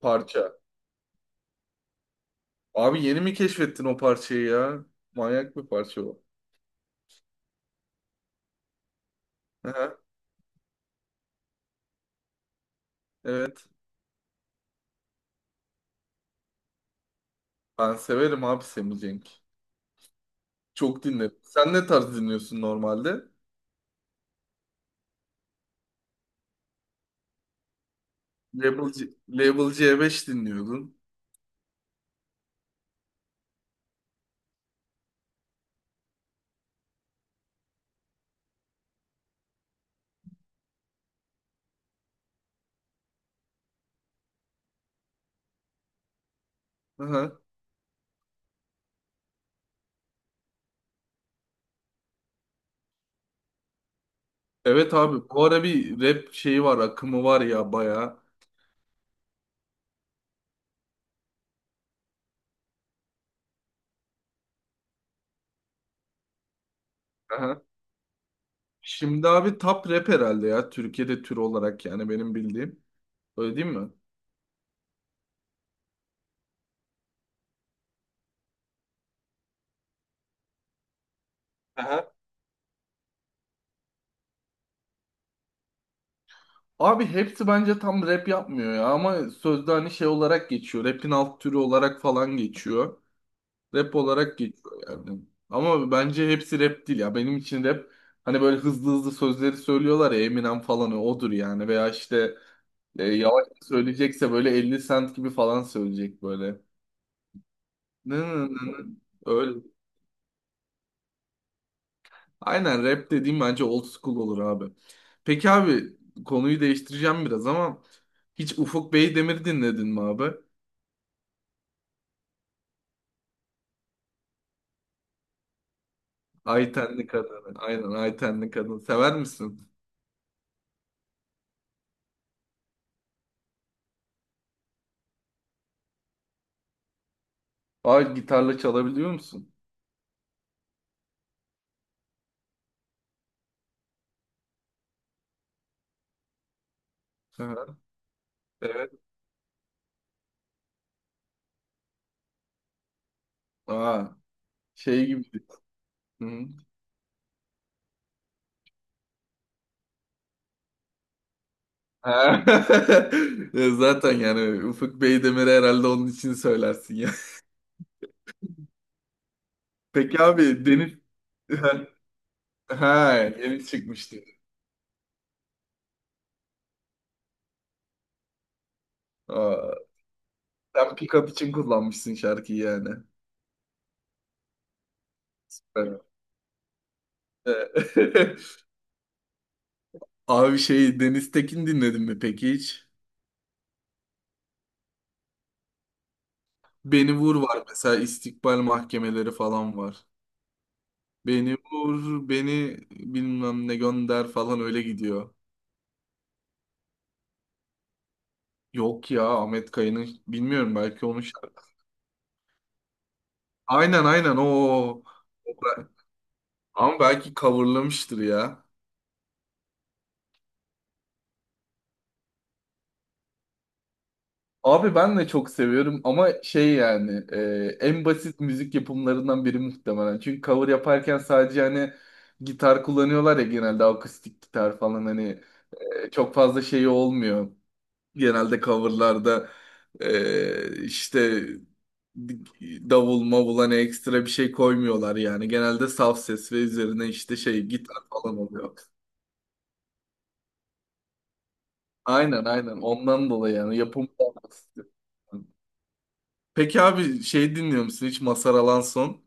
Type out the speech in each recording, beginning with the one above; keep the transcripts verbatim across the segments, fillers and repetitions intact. Parça. Abi yeni mi keşfettin o parçayı ya? Manyak bir parça o. Aha, evet. Ben severim abi Sammy Cenk. Çok dinlerim. Sen ne tarz dinliyorsun normalde? Label, C, Label C beş dinliyordun. Aha. Evet abi bu ara bir rap şeyi var akımı var ya bayağı. Aha. Şimdi abi top rap herhalde ya Türkiye'de tür olarak yani benim bildiğim. Öyle değil mi? Aha. Abi hepsi bence tam rap yapmıyor ya ama sözde hani şey olarak geçiyor. Rap'in alt türü olarak falan geçiyor. Rap olarak geçiyor yani. Ama bence hepsi rap değil ya. Benim için rap hani böyle hızlı hızlı sözleri söylüyorlar ya Eminem falan odur yani. Veya işte e, yavaş söyleyecekse böyle elli Cent gibi falan söyleyecek böyle. Nı nı nı nı. Öyle. Aynen rap dediğim bence old school olur abi. Peki abi konuyu değiştireceğim biraz ama hiç Ufuk Beydemir'i dinledin mi abi? Aytenli Kadın. Aynen Aytenli Kadın. Sever misin? Aa gitarla çalabiliyor musun? Sever. Evet. Aa. Şey gibi. Hı. Ha. Ya zaten yani Ufuk Beydemir'i herhalde onun için söylersin ya. Peki abi Deniz ha yeni çıkmıştı. Aa, sen pick-up için kullanmışsın şarkıyı yani. Evet. Ee, Abi şey Deniz Tekin dinledin mi peki hiç? Beni Vur var mesela istikbal mahkemeleri falan var. Beni vur, beni bilmem ne gönder falan öyle gidiyor. Yok ya Ahmet Kaya'nın bilmiyorum belki onun şarkısı. Aynen aynen o. Ama belki coverlamıştır ya. Abi ben de çok seviyorum ama şey yani e, en basit müzik yapımlarından biri muhtemelen. Çünkü cover yaparken sadece hani gitar kullanıyorlar ya genelde akustik gitar falan hani e, çok fazla şey olmuyor. Genelde coverlarda e, işte davul mavul hani ekstra bir şey koymuyorlar yani. Genelde saf ses ve üzerine işte şey gitar falan oluyor. Aynen aynen ondan dolayı yani yapım basit. Peki abi şey dinliyor musun hiç Mazhar Alanson?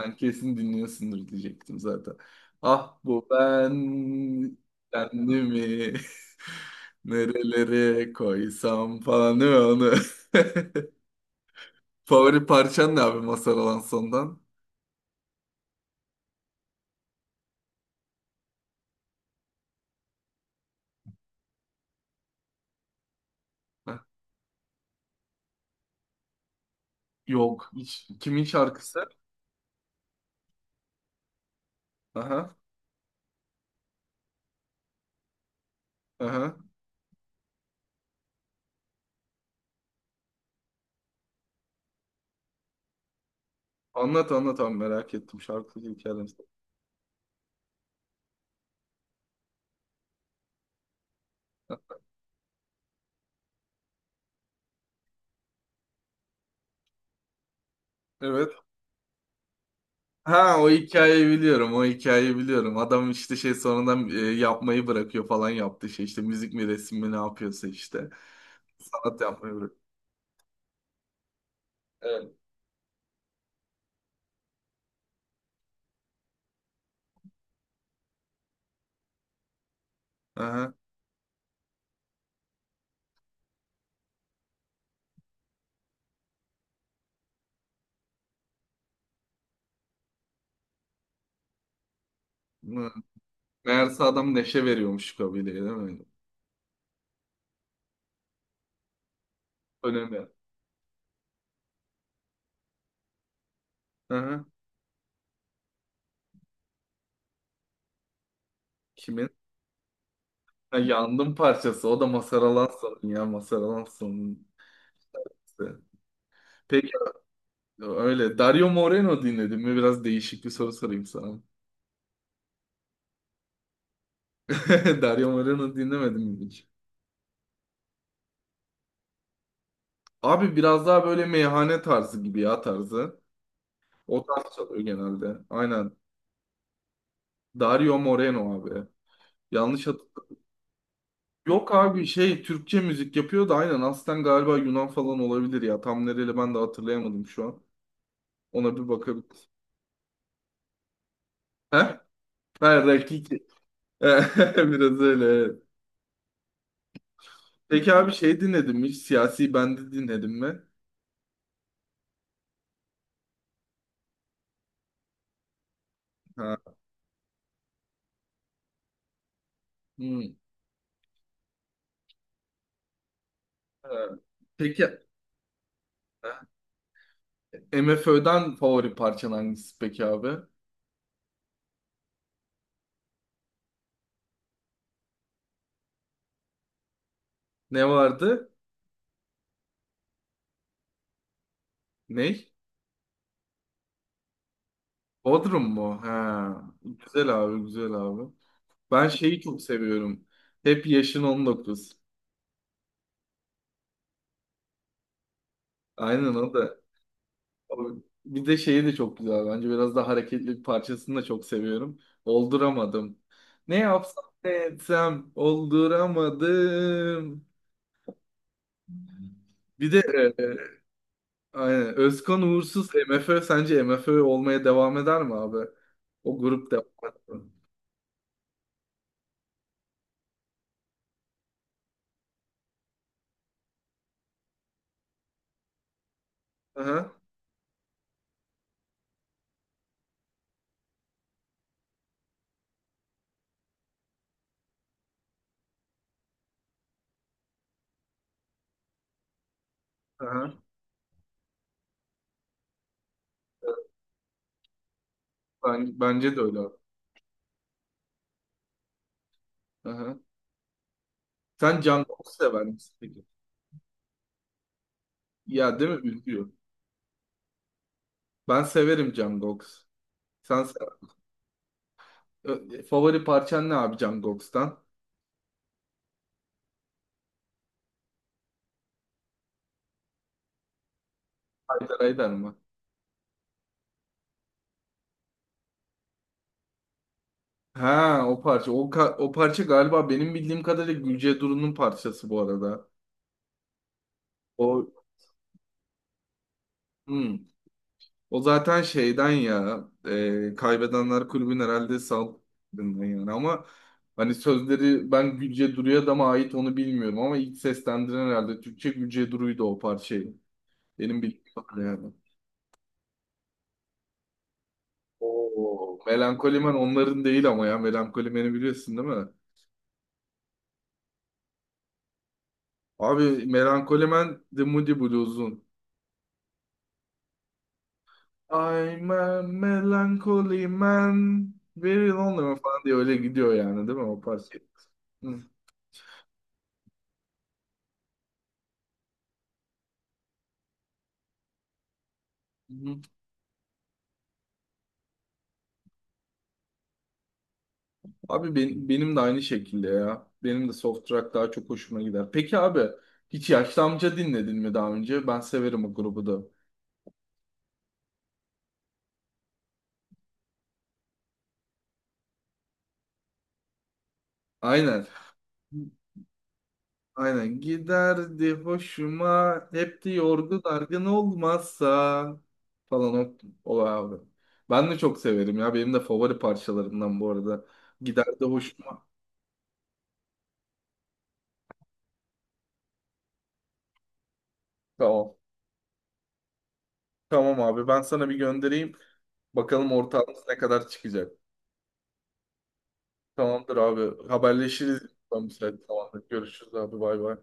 Sen kesin dinliyorsundur diyecektim zaten. Ah bu ben kendimi nerelere koysam falan değil mi onu? Favori parçan ne abi Mazhar Alanson'dan? Heh, yok hiç. Kimin şarkısı? Aha aha. Anlat anlat abi merak ettim şarkı hikayesi. Evet. Ha o hikayeyi biliyorum. O hikayeyi biliyorum. Adam işte şey sonradan e, yapmayı bırakıyor falan yaptı şey işte müzik mi resim mi ne yapıyorsa işte. Sanat yapmayı bırakıyor. Evet. Aha. Hı. Meğerse adam neşe veriyormuş kabileye değil mi? Önemli. Aha. Kimin? Ha, yandım parçası. O da Mazhar Alanso'nun ya Mazhar Alanso'nun. Peki öyle. Dario Moreno dinledin mi? Biraz değişik bir soru sorayım sana. Dario Moreno dinlemedim mi? Abi biraz daha böyle meyhane tarzı gibi ya tarzı. O tarz çalıyor genelde. Aynen. Dario Moreno abi. Yanlış hat Yok abi şey Türkçe müzik yapıyor da aynen aslen galiba Yunan falan olabilir ya. Tam nereli ben de hatırlayamadım şu an. Ona bir bakabiliriz. He? Ha, Rakiki. Biraz öyle, evet. Peki abi şey dinledim mi? Hiç Siyasi Bendi dinledim mi? Ha. Hmm. Ha. Peki MFÖ'den favori parçan hangisi peki abi? Ne vardı? Ney? Bodrum mu? Ha. Güzel abi, güzel abi. Ben şeyi çok seviyorum. Hep yaşın on dokuz. Aynen o da. O- Bir de şeyi de çok güzel bence. Biraz daha hareketli bir parçasını da çok seviyorum. Olduramadım. Ne yapsam ne etsem olduramadım. Bir de e, aynen. Özkan Uğursuz MFÖ sence M F MFÖ olmaya devam eder mi abi? O grup devam eder mi? Aha, aha. Ben, bence de öyle, abi. Aha. Sen Can Koks sever misin peki? Ya değil mi? Üzüyor. Ben severim Jungkook. Sen se- Ö- favori parçan ne abi Jungkook'tan? Haydar Haydar mı? Ha o parça. O, ka- o parça galiba benim bildiğim kadarıyla Gülce Duru'nun parçası bu arada. O hmm. O zaten şeyden ya e, Kaybedenler Kulübü'nün herhalde saldırından yani ama hani sözleri ben Gülce Duru'ya da mı ait onu bilmiyorum ama ilk seslendiren herhalde Türkçe Gülce Duru'ydu o parçayı. Benim bildiğim kadarıyla, yani. Oo, Melankolimen onların değil ama ya. Melankolimen'i biliyorsun değil mi? Abi Melankolimen The Moody Blues'un. I'm a melancholy man. Very lonely man falan diye öyle gidiyor yani değil mi o parça? Hı. Hı. Abi ben- benim de aynı şekilde ya. Benim de soft rock daha çok hoşuma gider. Peki abi hiç Yaşlı Amca dinledin mi daha önce? Ben severim o grubu da. Aynen. Aynen giderdi hoşuma hep de yorgun argın olmazsa falan o, o abi. Ben de çok severim ya benim de favori parçalarımdan bu arada. Giderdi hoşuma. Tamam. Tamam abi ben sana bir göndereyim. Bakalım ortağımız ne kadar çıkacak. Tamamdır abi haberleşiriz. Tamam, müsait. Tamamdır görüşürüz abi bay bay.